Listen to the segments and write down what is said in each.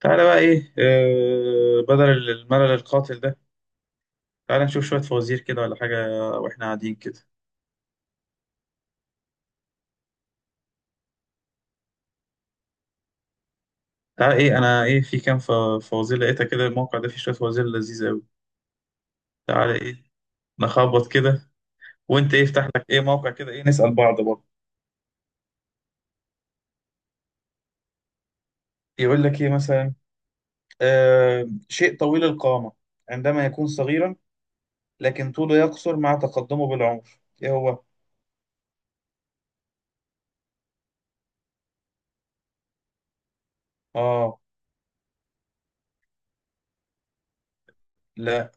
تعالى بقى ايه بدل الملل القاتل ده. تعالى نشوف شوية فوازير كده ولا حاجة واحنا قاعدين كده. تعالى ايه، انا ايه، في كام فوازير لقيتها كده. الموقع ده فيه شوية فوازير لذيذة قوي. تعالى ايه، نخبط كده. وانت ايه، افتح لك ايه موقع كده، ايه، نسأل بعض برضه. يقول لك ايه مثلا؟ شيء طويل القامة عندما يكون صغيرا، لكن طوله يقصر مع تقدمه بالعمر. ايه هو؟ اه، لا.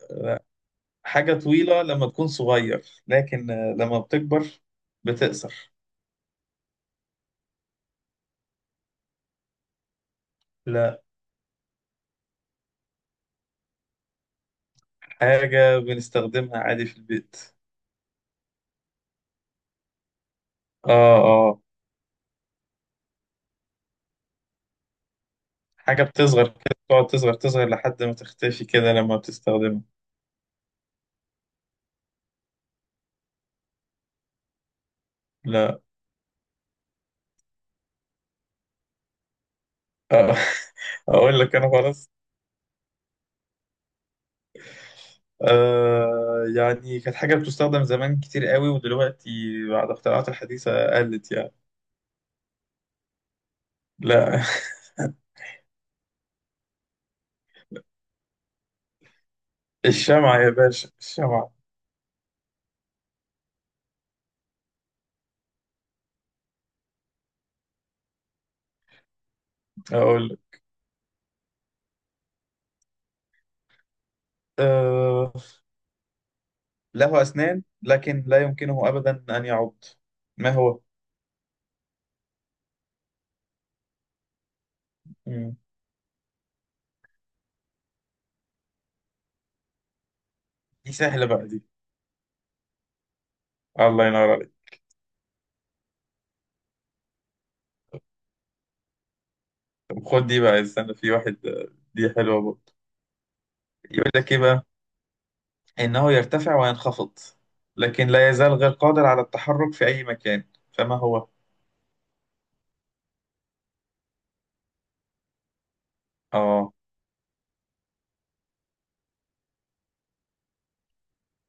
حاجة طويلة لما تكون صغير، لكن لما بتكبر بتقصر. لا. حاجة بنستخدمها عادي في البيت. اه اه. حاجة بتصغر كده، تقعد تصغر تصغر لحد ما تختفي كده لما بتستخدمها. لا. آه. أقول لك أنا خلاص. آه، يعني كانت حاجة بتستخدم زمان كتير قوي، ودلوقتي بعد اختراعات الحديثة قلت يعني. لا. الشمعة يا باشا، الشمعة. أقول لك، آه، له أسنان لكن لا يمكنه أبدا أن يعض. ما هو؟ مم. دي سهلة بقى دي. الله ينور. طب خد دي بقى، استنى، في واحد دي حلوة برضه. يقول لك إيه بقى؟ إنه يرتفع وينخفض، لكن لا يزال غير قادر على التحرك في أي مكان. فما هو؟ آه.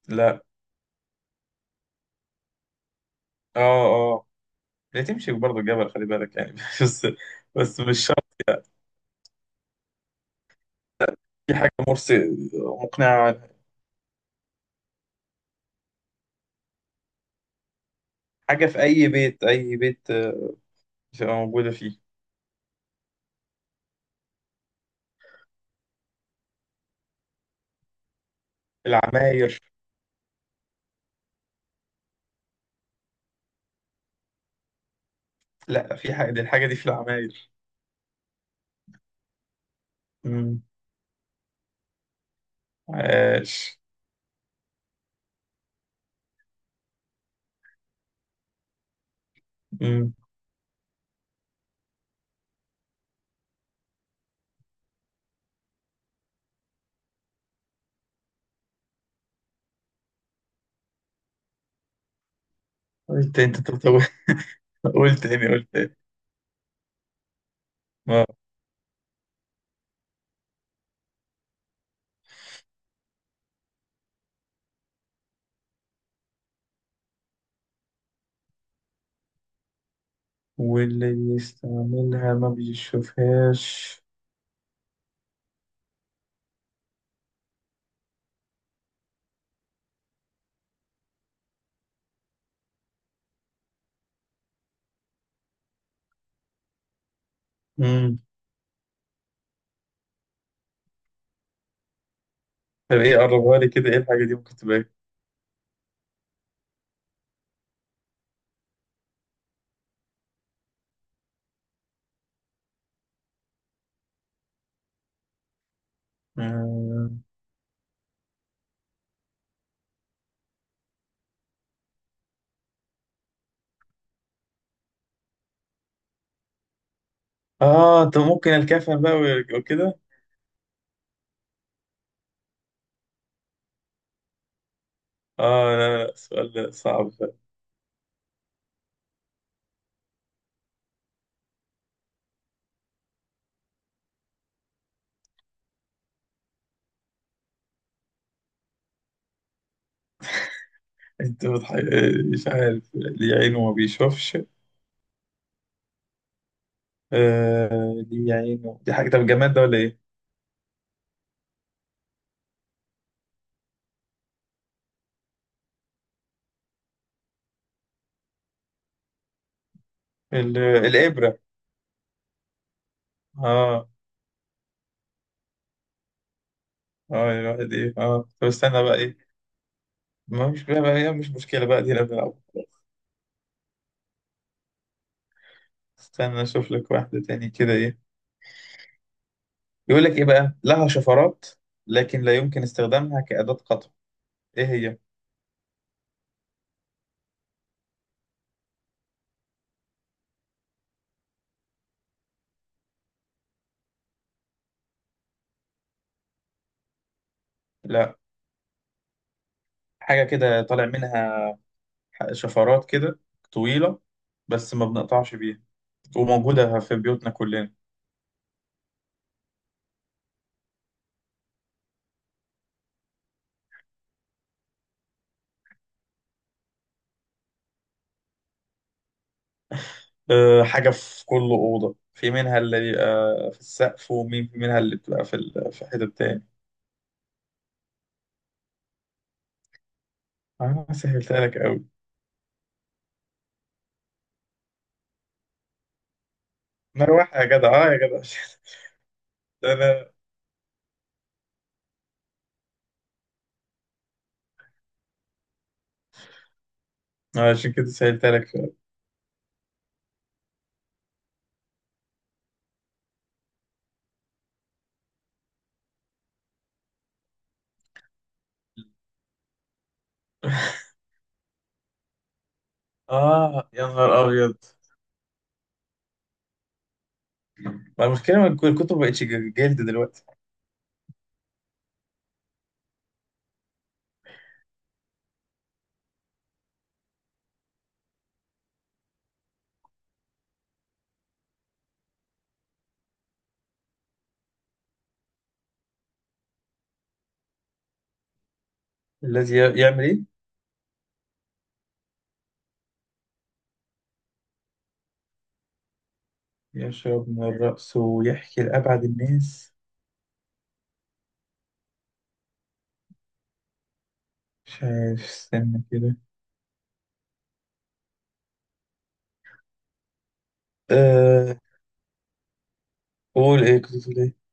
لا. آه. آه، لا تمشي برضه الجبل، خلي بالك يعني بس. بس مش شرط. في حاجة مرسي مقنعة عنها. حاجة في أي بيت، أي بيت، بتبقى موجودة فيه. العماير. لا، في حاجة، دي الحاجة دي في العماير. مم. عاش. مم. قلت أنت قلت تاني، قلت تاني. واللي بيستعملها ما بيشوفهاش. امم طب ايه، قربها لي كده، ايه الحاجة دي ممكن تبقى ايه. اه. آه، طب ممكن الكفن بقى وكده. اه لا لا، سؤال صعب ده. انت بتح... مش عارف ليه عينه ما بيشوفش. آه، ليه عينه، دي حاجة، طب جماد ده ولا ايه؟ الإبرة. اه اه، الواحد ايه، اه، طب استنى بقى ايه. ما مش بقى، هي مش مشكلة بقى دي، انا بنلعب. استنى اشوف لك واحدة تاني كده. ايه يقول لك ايه بقى، لها شفرات لكن لا يمكن استخدامها كأداة قطع. ايه هي؟ لا. حاجة كده طالع منها شفرات كده طويلة، بس ما بنقطعش بيها، وموجودة في بيوتنا كلنا. أه حاجة في كل أوضة، في منها اللي بيبقى في السقف، ومين في منها اللي بتبقى في في حتة تاني. أنا سهلتها لك أوي. مروحة يا جدع، أه يا جدع. أنا عشان كده سهلتها لك فعلا. آه يا نهار أبيض. ما المشكلة إن الكتب مبقتش جلد دلوقتي. الذي يعمل إيه؟ يشرب من الرأس ويحكي لأبعد الناس. مش عارف، استنى كده. أه، قول إيه، كنت بتقول إيه؟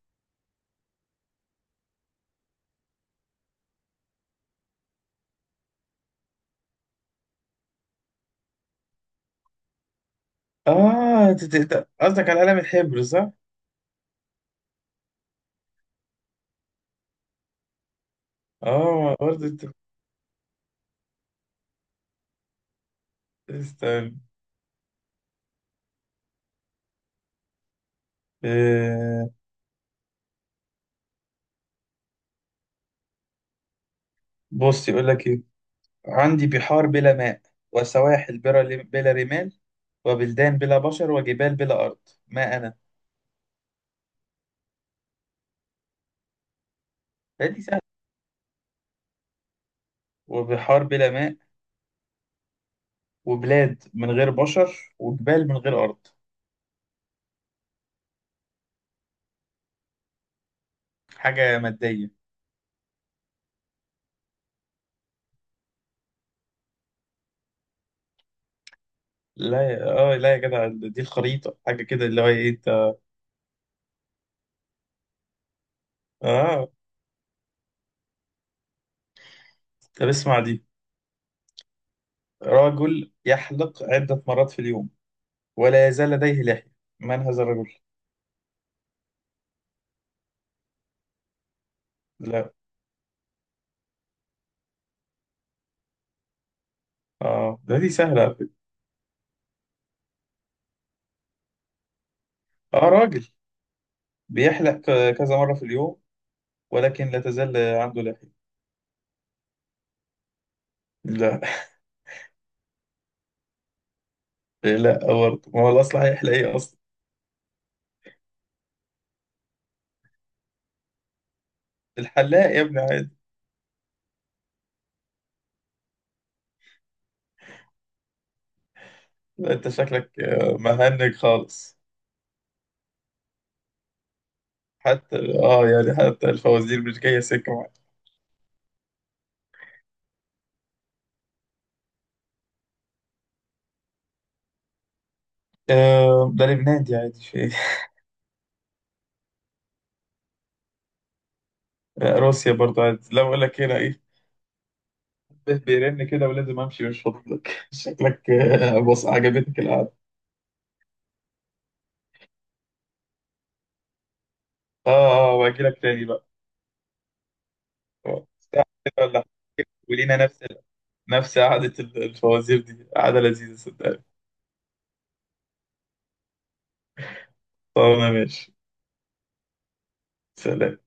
آه، قصدك على قلم الحبر، صح؟ آه برضه أنت. استنى، أه، بص يقول لك إيه. عندي بحار بلا ماء، وسواحل بلا رمال، وبلدان بلا بشر، وجبال بلا أرض. ما أنا؟ لا، دي سهلة. وبحار بلا ماء، وبلاد من غير بشر، وجبال من غير أرض. حاجة مادية. لا يا، اه لا يا جدع، دي الخريطة، حاجة كده اللي هو ايه انت. اه. طب اسمع دي. رجل يحلق عدة مرات في اليوم ولا يزال لديه لحية. من هذا الرجل؟ لا. اه ده دي سهلة على فكرة. اه، راجل بيحلق كذا مرة في اليوم، ولكن لا تزال عنده لحية. لا. لا برضه، ما هو الأصل هيحلق ايه أصلا؟ الحلاق يا ابني، عادي. لا، انت شكلك، آه، مهنج خالص. حتى، اه، يعني حتى الفوازير مش جاية سكة معاك. آه، ده لبنان دي عادي، في. روسيا برضو، عايز لو اقول لك هنا ايه. به بيرن كده، ولازم امشي، مش فاضل لك. شكلك، آه، بص عجبتك القعده. اه اه، واجي لك تاني بقى. آه، ساعة كده ولا حاجة. ولينا نفس، نفس قعده الفوازير دي، قعده لذيذه صدقني. طب انا ماشي، سلام.